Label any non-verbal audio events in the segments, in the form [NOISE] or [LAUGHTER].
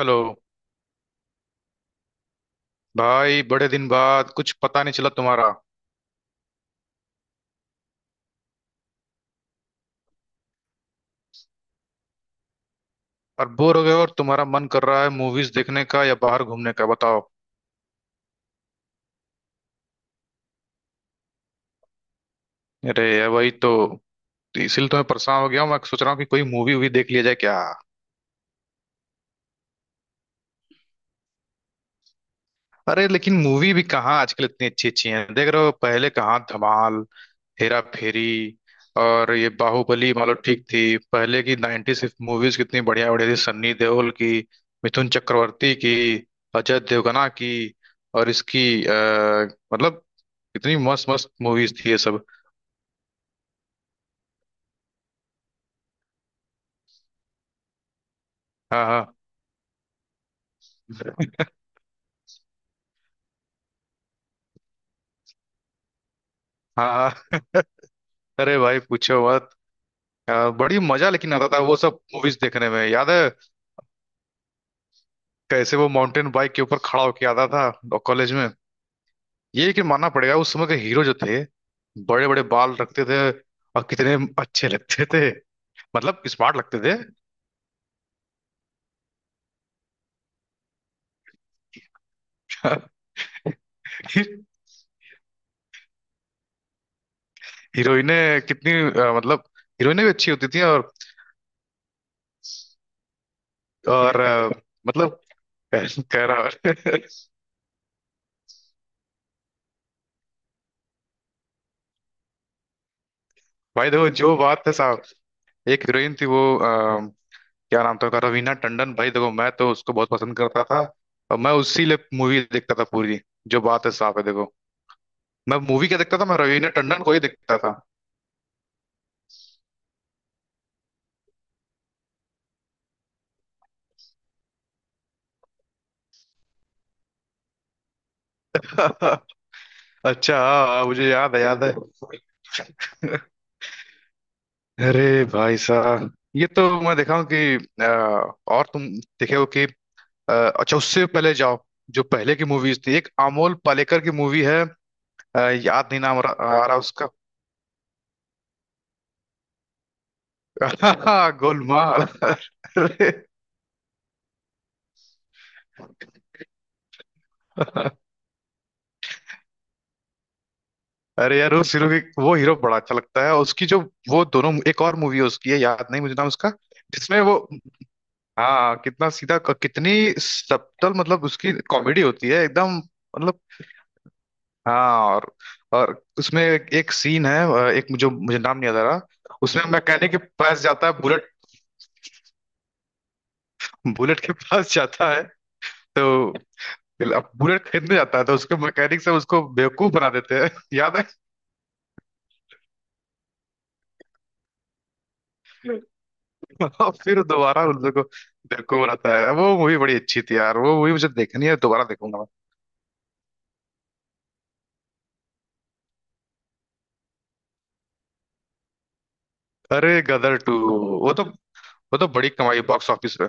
Hello. भाई बड़े दिन बाद कुछ पता नहीं चला तुम्हारा। और बोर हो गए? और तुम्हारा मन कर रहा है मूवीज देखने का या बाहर घूमने का, बताओ। अरे ये वही तो इसीलिए तो मैं परेशान हो गया हूँ। मैं सोच रहा हूँ कि कोई मूवी वूवी देख लिया जाए क्या। अरे लेकिन मूवी भी कहाँ आजकल इतनी अच्छी अच्छी है, देख रहे हो? पहले कहाँ धमाल, हेरा फेरी, और ये बाहुबली मान लो ठीक थी। पहले की 90s मूवीज कितनी बढ़िया बढ़िया थी, सन्नी देओल की, मिथुन चक्रवर्ती की, अजय देवगना की, और इसकी मतलब कितनी मस्त मस्त मूवीज थी ये सब। हाँ हाँ। हाँ हाँ। अरे भाई पूछो मत। बड़ी मजा लेकिन आता था वो सब मूवीज देखने में, याद है कैसे वो माउंटेन बाइक के ऊपर खड़ा होके आता था कॉलेज में। ये लेकिन मानना पड़ेगा उस समय के हीरो जो थे, बड़े बड़े बाल रखते थे, और कितने अच्छे लगते थे, मतलब स्मार्ट लगते थे। [LAUGHS] हीरोइनें कितनी मतलब हीरोइनें भी अच्छी होती थी। और मतलब कह रहा। [LAUGHS] भाई देखो जो बात है साहब, एक हीरोइन थी वो क्या नाम था उसका, रवीना टंडन। भाई देखो मैं तो उसको बहुत पसंद करता था, और मैं उसी लिए मूवी देखता था पूरी। जो बात है साहब है देखो, मैं मूवी क्या देखता था, मैं रवीना टंडन को ही देखता था। [LAUGHS] अच्छा हाँ, हाँ, मुझे याद है, याद है। अरे भाई साहब ये तो मैं देखा हूँ कि अ, और तुम देखे हो कि अ, अच्छा उससे पहले जाओ, जो पहले की मूवीज थी, एक अमोल पालेकर की मूवी है। अ, याद नहीं नाम आ रहा उसका। [LAUGHS] गोलमाल। अरे अरे यार उस हीरो की, वो हीरो बड़ा अच्छा लगता है, उसकी जो वो दोनों, एक और मूवी उसकी है, याद नहीं मुझे नाम उसका, जिसमें वो। हाँ कितना सीधा, कितनी सब्टल मतलब उसकी कॉमेडी होती है एकदम, मतलब। हाँ और उसमें एक सीन है, एक जो मुझे नाम नहीं याद आ रहा। उसमें मैकेनिक के पास जाता है, बुलेट बुलेट के पास जाता है तो, अब बुलेट खरीदने जाता है तो उसके मैकेनिक से उसको बेवकूफ बना देते हैं। [LAUGHS] याद है और फिर दोबारा उन लोगों को बेवकूफ बनाता है। वो मूवी बड़ी अच्छी थी यार, वो मूवी मुझे देखनी है दोबारा, देखूंगा मैं। अरे गदर टू वो तो, वो तो बड़ी कमाई बॉक्स ऑफिस पे।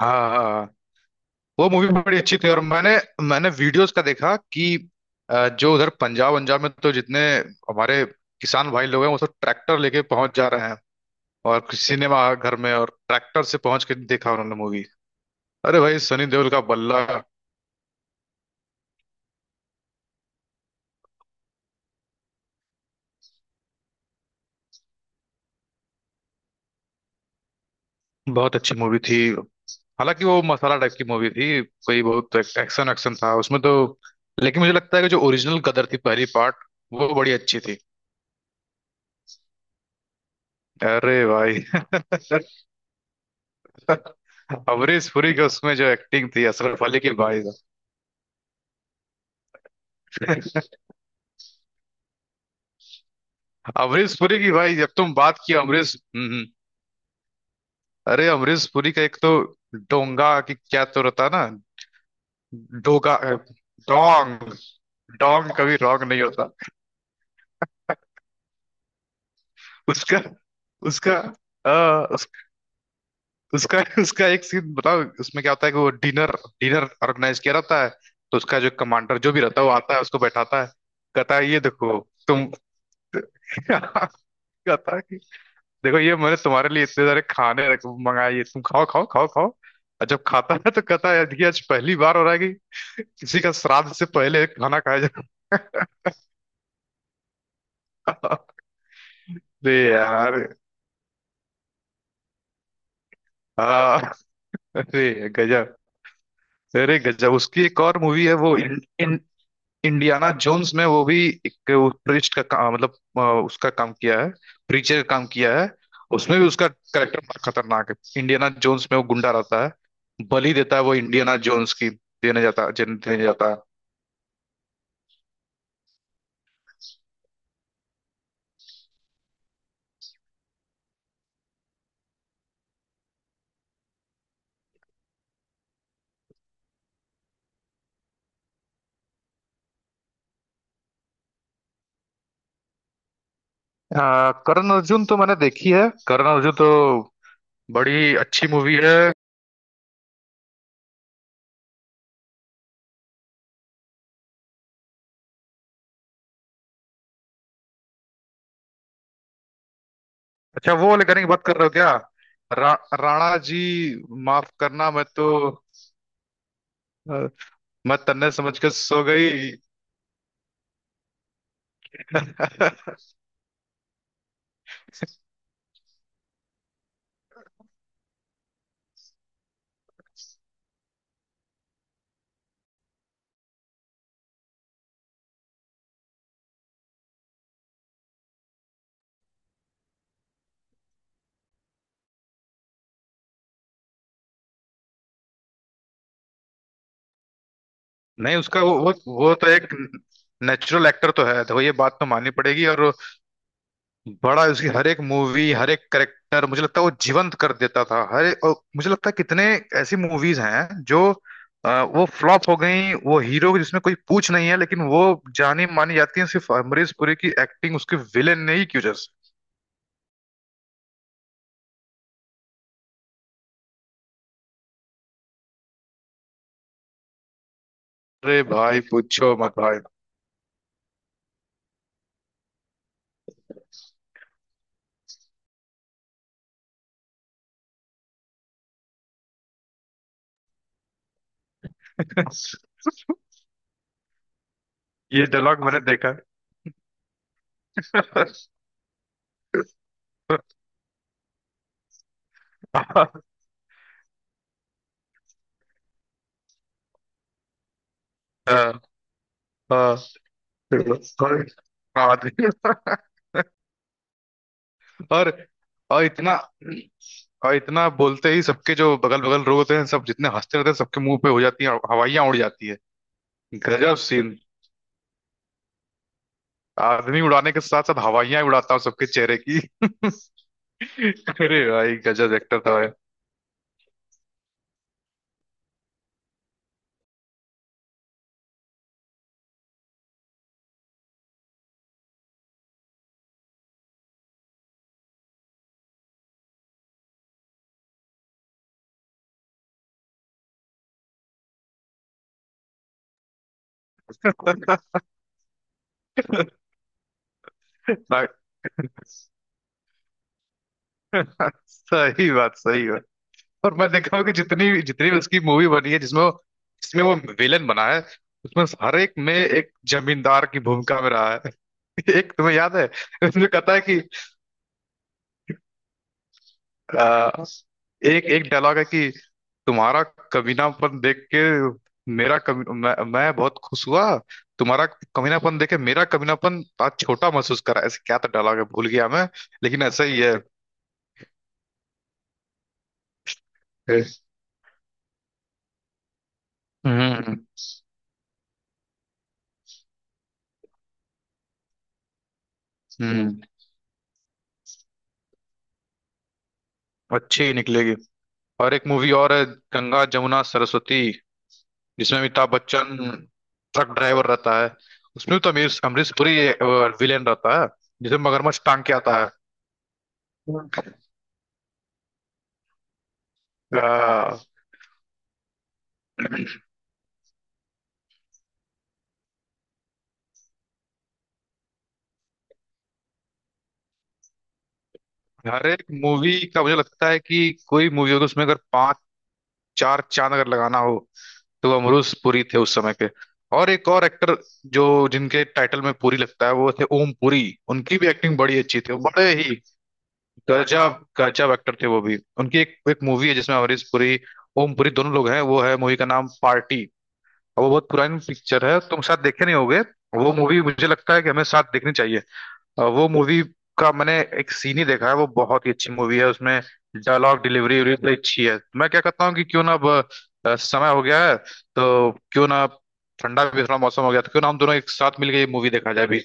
हाँ हाँ हाँ। वो मूवी बड़ी अच्छी थी, और मैंने मैंने वीडियोस का देखा कि जो उधर पंजाब पंजाब में तो जितने हमारे किसान भाई लोग हैं, वो सब ट्रैक्टर लेके पहुंच जा रहे हैं और किसी सिनेमा घर में, और ट्रैक्टर से पहुंच के देखा उन्होंने मूवी। अरे भाई सनी देओल का बल्ला। बहुत अच्छी मूवी थी, हालांकि वो मसाला टाइप की मूवी थी, कोई बहुत एक्शन एक्शन था उसमें तो, लेकिन मुझे लगता है कि जो ओरिजिनल कदर थी, पहली पार्ट, वो बड़ी अच्छी थी। अरे भाई। [LAUGHS] अमरीश पुरी की उसमें जो एक्टिंग थी, अशरफ अली की भाई। अमरीश पुरी की भाई, जब तुम बात किया अमरीश। अरे अमरीश पुरी का एक तो डोंगा की क्या तो रहता है ना। डोगा डोंग। डोंग कभी रॉन्ग नहीं होता। उसका उसका आ, उसका उसका एक सीन बताओ उसमें क्या होता है कि वो डिनर डिनर ऑर्गेनाइज किया रहता है, तो उसका जो कमांडर जो भी रहता है वो आता है उसको बैठाता है। कहता है ये देखो तुम। [LAUGHS] कहता है देखो ये मैंने तुम्हारे लिए इतने सारे खाने रख मंगाए, ये तुम खाओ खाओ खाओ खाओ। और जब खाता है तो कहता है कि आज पहली बार हो रहा है कि किसी का श्राद्ध से पहले खाना खाया जा रहा है।" [LAUGHS] अरे यार। हाँ अरे गजब। अरे गजब उसकी एक और मूवी है वो इन, इन, इंडियाना जोन्स में, वो भी एक प्रिस्ट का काम, मतलब उसका काम किया है, प्रीचर का काम किया है। उसमें भी उसका करेक्टर बड़ा खतरनाक है। इंडियाना जोन्स में वो गुंडा रहता है, बलि देता है, वो इंडियाना जोन्स की देने जाता है। आ, करण अर्जुन तो मैंने देखी है। करण अर्जुन तो बड़ी अच्छी मूवी है। अच्छा वो वाले गाने की बात कर रहे हो क्या, रा, राणा जी माफ करना, मैं तो अ, मैं तन्ने समझ के सो गई। [LAUGHS] नहीं उसका वो तो एक नेचुरल एक्टर तो है, तो ये बात तो माननी पड़ेगी, और बड़ा उसकी हर एक मूवी हर एक करेक्टर मुझे लगता है वो जीवंत कर देता था हर एक, और मुझे लगता है कितने ऐसी मूवीज हैं जो वो फ्लॉप हो गई, वो हीरो जिसमें कोई पूछ नहीं है, लेकिन वो जानी मानी जाती है सिर्फ अमरीश पुरी की एक्टिंग, उसके विलेन ने ही की वजह से। अरे भाई पूछो मत भाई। ये डायलॉग मैंने देखा है। [LAUGHS] हाँ, हाँ, हाँ, और और इतना, और इतना बोलते ही सबके जो बगल बगल लोग होते हैं, सब जितने हंसते रहते हैं, सबके मुंह पे हो जाती है हवाइयां उड़ जाती है। गजब सीन। आदमी उड़ाने के साथ साथ हवाइयां उड़ाता हूँ सबके चेहरे की। [LAUGHS] अरे भाई गजब एक्टर था भाई। [LAUGHS] ना- सही बात, सही बात। और मैं देखा हूँ कि जितनी जितनी भी उसकी मूवी बनी है जिसमें वो, जिसमें वो विलेन बना है, उसमें हर एक में एक जमींदार की भूमिका में रहा है। [LAUGHS] एक तुम्हें याद है? उसमें कहता है कि अ, एक एक डायलॉग है कि तुम्हारा कमीनापन देख के मेरा कमी, मैं बहुत खुश हुआ। तुम्हारा कमीनापन देख के मेरा कमीनापन आज छोटा महसूस करा, ऐसे क्या तो डायलॉग है, भूल गया मैं, लेकिन ऐसा ही है। हम्म हम्म। अच्छी ही निकलेगी। और एक मूवी और है, गंगा जमुना सरस्वती, जिसमें अमिताभ बच्चन ट्रक ड्राइवर रहता है, उसमें तो अमीर अमरीश पुरी विलेन रहता है, जिसमें मगरमच्छ टांग के आता है। आ, हर एक मूवी का मुझे लगता है कि कोई मूवी होगी, उसमें अगर पांच, चार चांद अगर लगाना हो तो वो अमरूज पुरी थे उस समय के। और एक और एक्टर जो, जिनके टाइटल में पुरी लगता है, वो थे ओम पुरी। उनकी भी एक्टिंग बड़ी अच्छी थी, बड़े ही गजब गजब एक्टर थे वो भी। उनकी एक, एक मूवी है जिसमें अमरीश पुरी, ओम पुरी दोनों लोग हैं, वो है मूवी का नाम पार्टी। और वो बहुत पुरानी पिक्चर है, तुम साथ देखे नहीं होगे। वो मूवी मुझे लगता है कि हमें साथ देखनी चाहिए। और वो मूवी का मैंने एक सीन ही देखा है, वो बहुत ही अच्छी मूवी है उसमें, डायलॉग डिलीवरी भी बड़ी अच्छी है। मैं क्या कहता हूँ कि क्यों ना अब समय हो गया है तो क्यों ना ठंडा भी थोड़ा मौसम हो गया, तो क्यों ना हम दोनों एक साथ मिलकर ये मूवी देखा जाए अभी।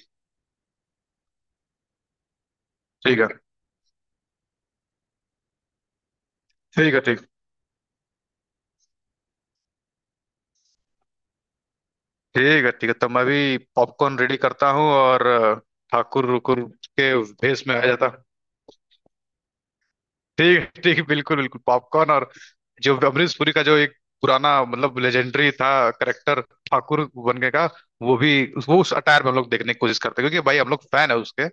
ठीक है, ठीक है। ठीक ठीक है। ठीक है तो मैं भी पॉपकॉर्न रेडी करता हूँ और ठाकुर रुकुर के भेष में आ जाता। ठीक है, बिल्कुल बिल्कुल पॉपकॉर्न, और जो अमरीश पुरी का जो एक पुराना मतलब लेजेंडरी था करेक्टर, ठाकुर बनने का, वो भी, वो उस अटायर में हम लोग देखने की कोशिश करते हैं, क्योंकि भाई हम लोग फैन है उसके।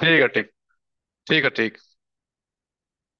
ठीक है ठीक। ठीक है ठीक।